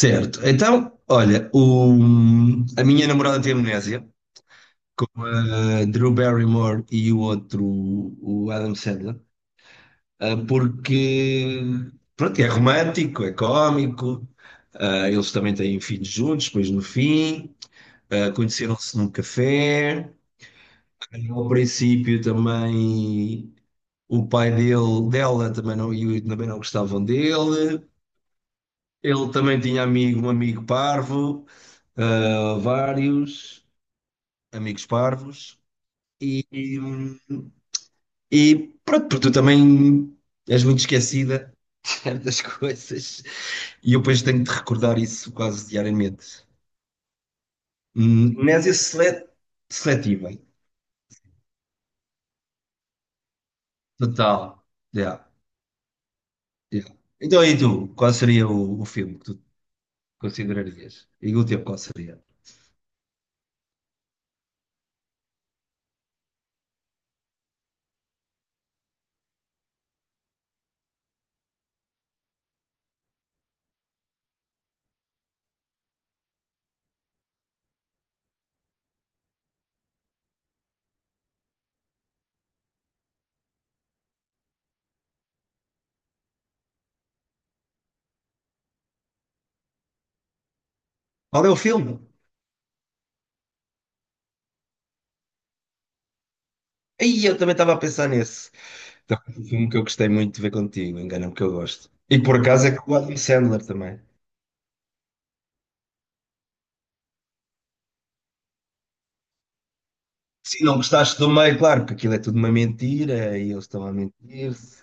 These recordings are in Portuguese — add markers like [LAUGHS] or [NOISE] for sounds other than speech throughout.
Certo. Então, olha, a minha namorada tem amnésia, com a Drew Barrymore e o outro, o Adam Sandler, porque, pronto, é romântico, é cómico, eles também têm filhos juntos, depois no fim, conheceram-se num café, ao princípio também o pai dela também não, também não gostavam dele, ele também tinha amigo, um amigo parvo, vários. Amigos parvos, e, pronto, porque tu também és muito esquecida [LAUGHS] das coisas, e eu depois tenho de recordar isso quase diariamente. Amnésia seletiva, total. Yeah, yeah. Então, e tu, qual seria o filme que tu considerarias? E o teu, qual seria? Qual é o filme? Aí eu também estava a pensar nesse. Também foi um filme que eu gostei muito de ver contigo, engana-me que eu gosto. E por acaso é com o Adam Sandler também. Se não gostaste do meio, claro, porque aquilo é tudo uma mentira e eles estão a mentir-se.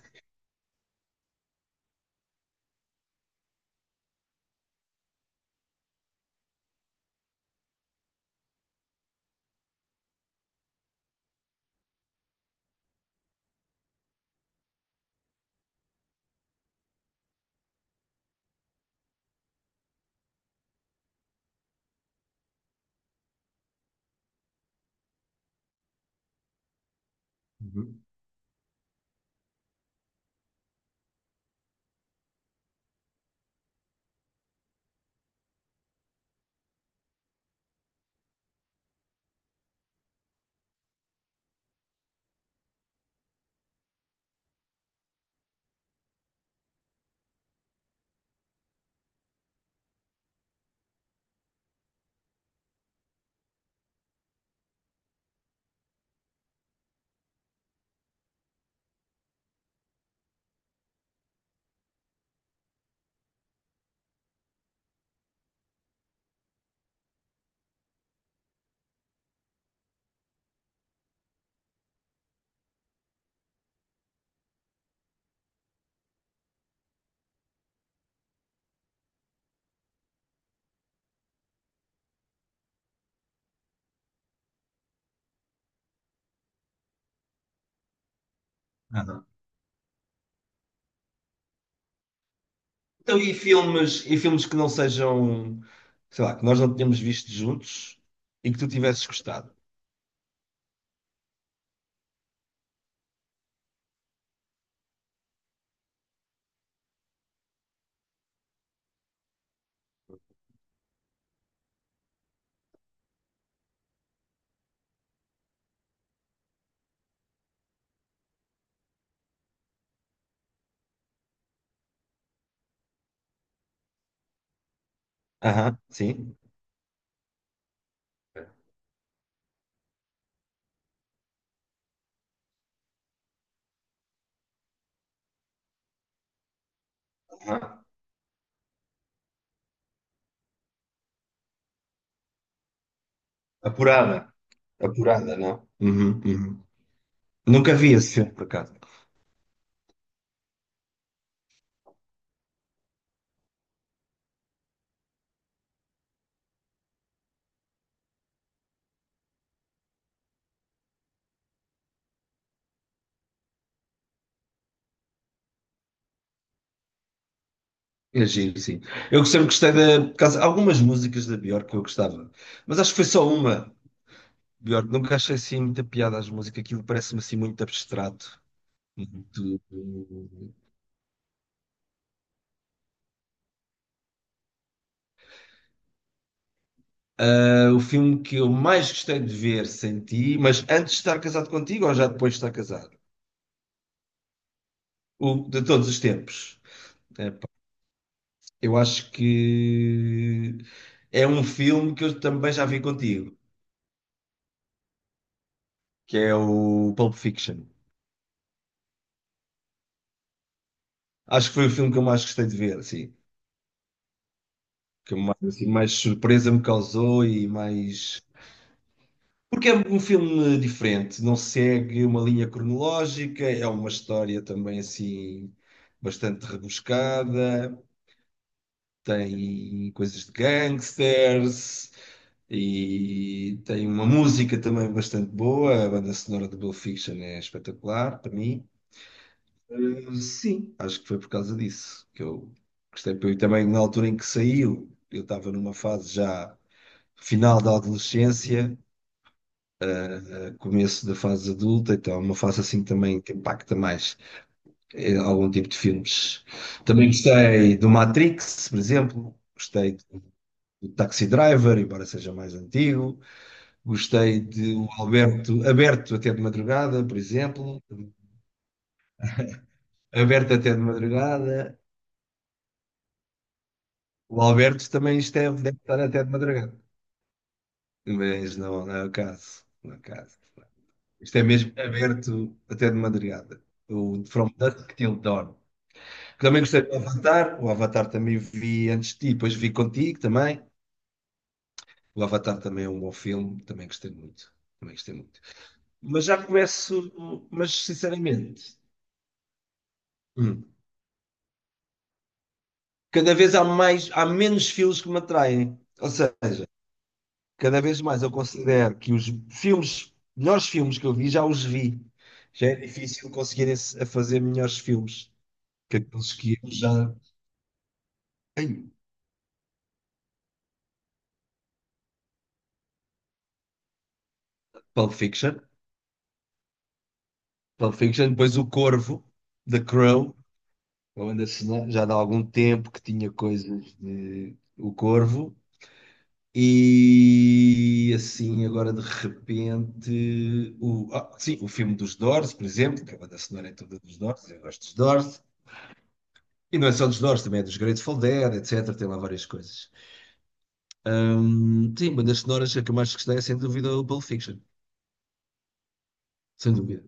Uhum. Ah, não. Então, e filmes que não sejam, sei lá, que nós não tenhamos visto juntos e que tu tivesses gostado? Aham, sim. Aham. Apurada. Apurada, não? Uhum, uhum. Nunca vi esse filme, por acaso. É giro, sim. Eu sempre gostei da. Por algumas músicas da Björk que eu gostava, mas acho que foi só uma. Björk, nunca achei assim muita piada às músicas, aquilo parece-me assim muito abstrato. Muito. É o filme que eu mais gostei de ver sem ti, mas antes de estar casado contigo ou já depois de estar casado? O de todos os tempos. Epá, eu acho que é um filme que eu também já vi contigo, que é o Pulp Fiction. Acho que foi o filme que eu mais gostei de ver, assim, que mais, assim, mais surpresa me causou e mais. Porque é um filme diferente, não segue uma linha cronológica, é uma história também assim bastante rebuscada. Tem coisas de gangsters e tem uma música também bastante boa. A banda sonora do Pulp Fiction é espetacular para mim. Sim, acho que foi por causa disso que eu gostei. Porque eu também, na altura em que saiu, eu estava numa fase já final da adolescência, começo da fase adulta, então é uma fase assim também que impacta mais algum tipo de filmes. Também gostei do Matrix, por exemplo. Gostei do Taxi Driver, embora seja mais antigo. Gostei de Aberto até de madrugada, por exemplo. Aberto até de madrugada. O Alberto também esteve, deve estar até de madrugada. Mas não, não é o caso. Não é o caso. Isto é mesmo aberto até de madrugada. O From Dusk Till Dawn. Também gostei do Avatar. O Avatar também vi antes de ti, depois vi contigo também. O Avatar também é um bom filme, também gostei muito. Também gostei muito. Mas já começo, mas sinceramente, hum. Cada vez há mais, há menos filmes que me atraem. Ou seja, cada vez mais eu considero que os filmes, melhores filmes que eu vi, já os vi. Já é difícil conseguirem a fazer melhores filmes que aqueles que eu já. Ei, Pulp Fiction. Pulp Fiction, depois o Corvo, The Crow, o Anderson, já dá algum tempo que tinha coisas de O Corvo. E assim, agora de repente, sim, o filme dos Doors, por exemplo, que a banda sonora é toda dos Doors, eu gosto dos Doors, e não é só dos Doors, também é dos Grateful Dead, etc. Tem lá várias coisas. Sim, bandas sonoras, a que eu mais gostei é sem dúvida é o Pulp Fiction, sem dúvida.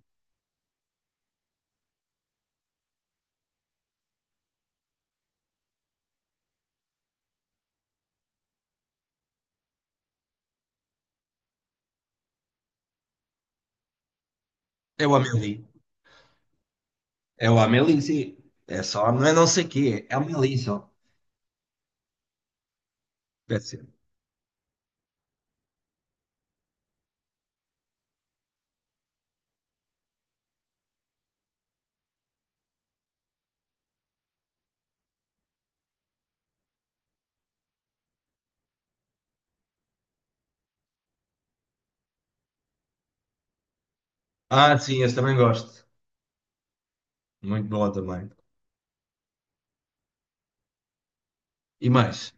É o Amélie, é o Amélie, sim, é só, não é não sei o quê, é Amélie só, deve ser. Ah, sim, esse também gosto, muito bom também. E mais?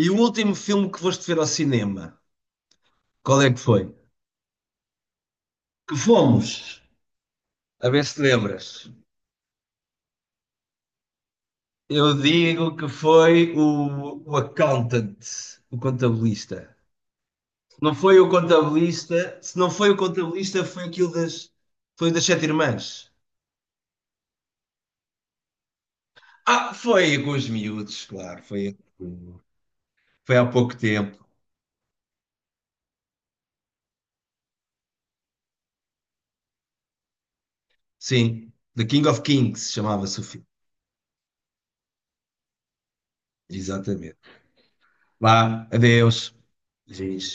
E o último filme que foste ver ao cinema, qual é que foi? Que fomos, a ver se te lembras, eu digo que foi o accountant, o contabilista. Não foi o contabilista, se não foi o contabilista, foi aquilo das, foi das sete irmãs. Ah, foi com os miúdos, claro, foi, foi há pouco tempo. Sim, The King of Kings chamava-se o filme, exatamente. Vá, adeus. Giz.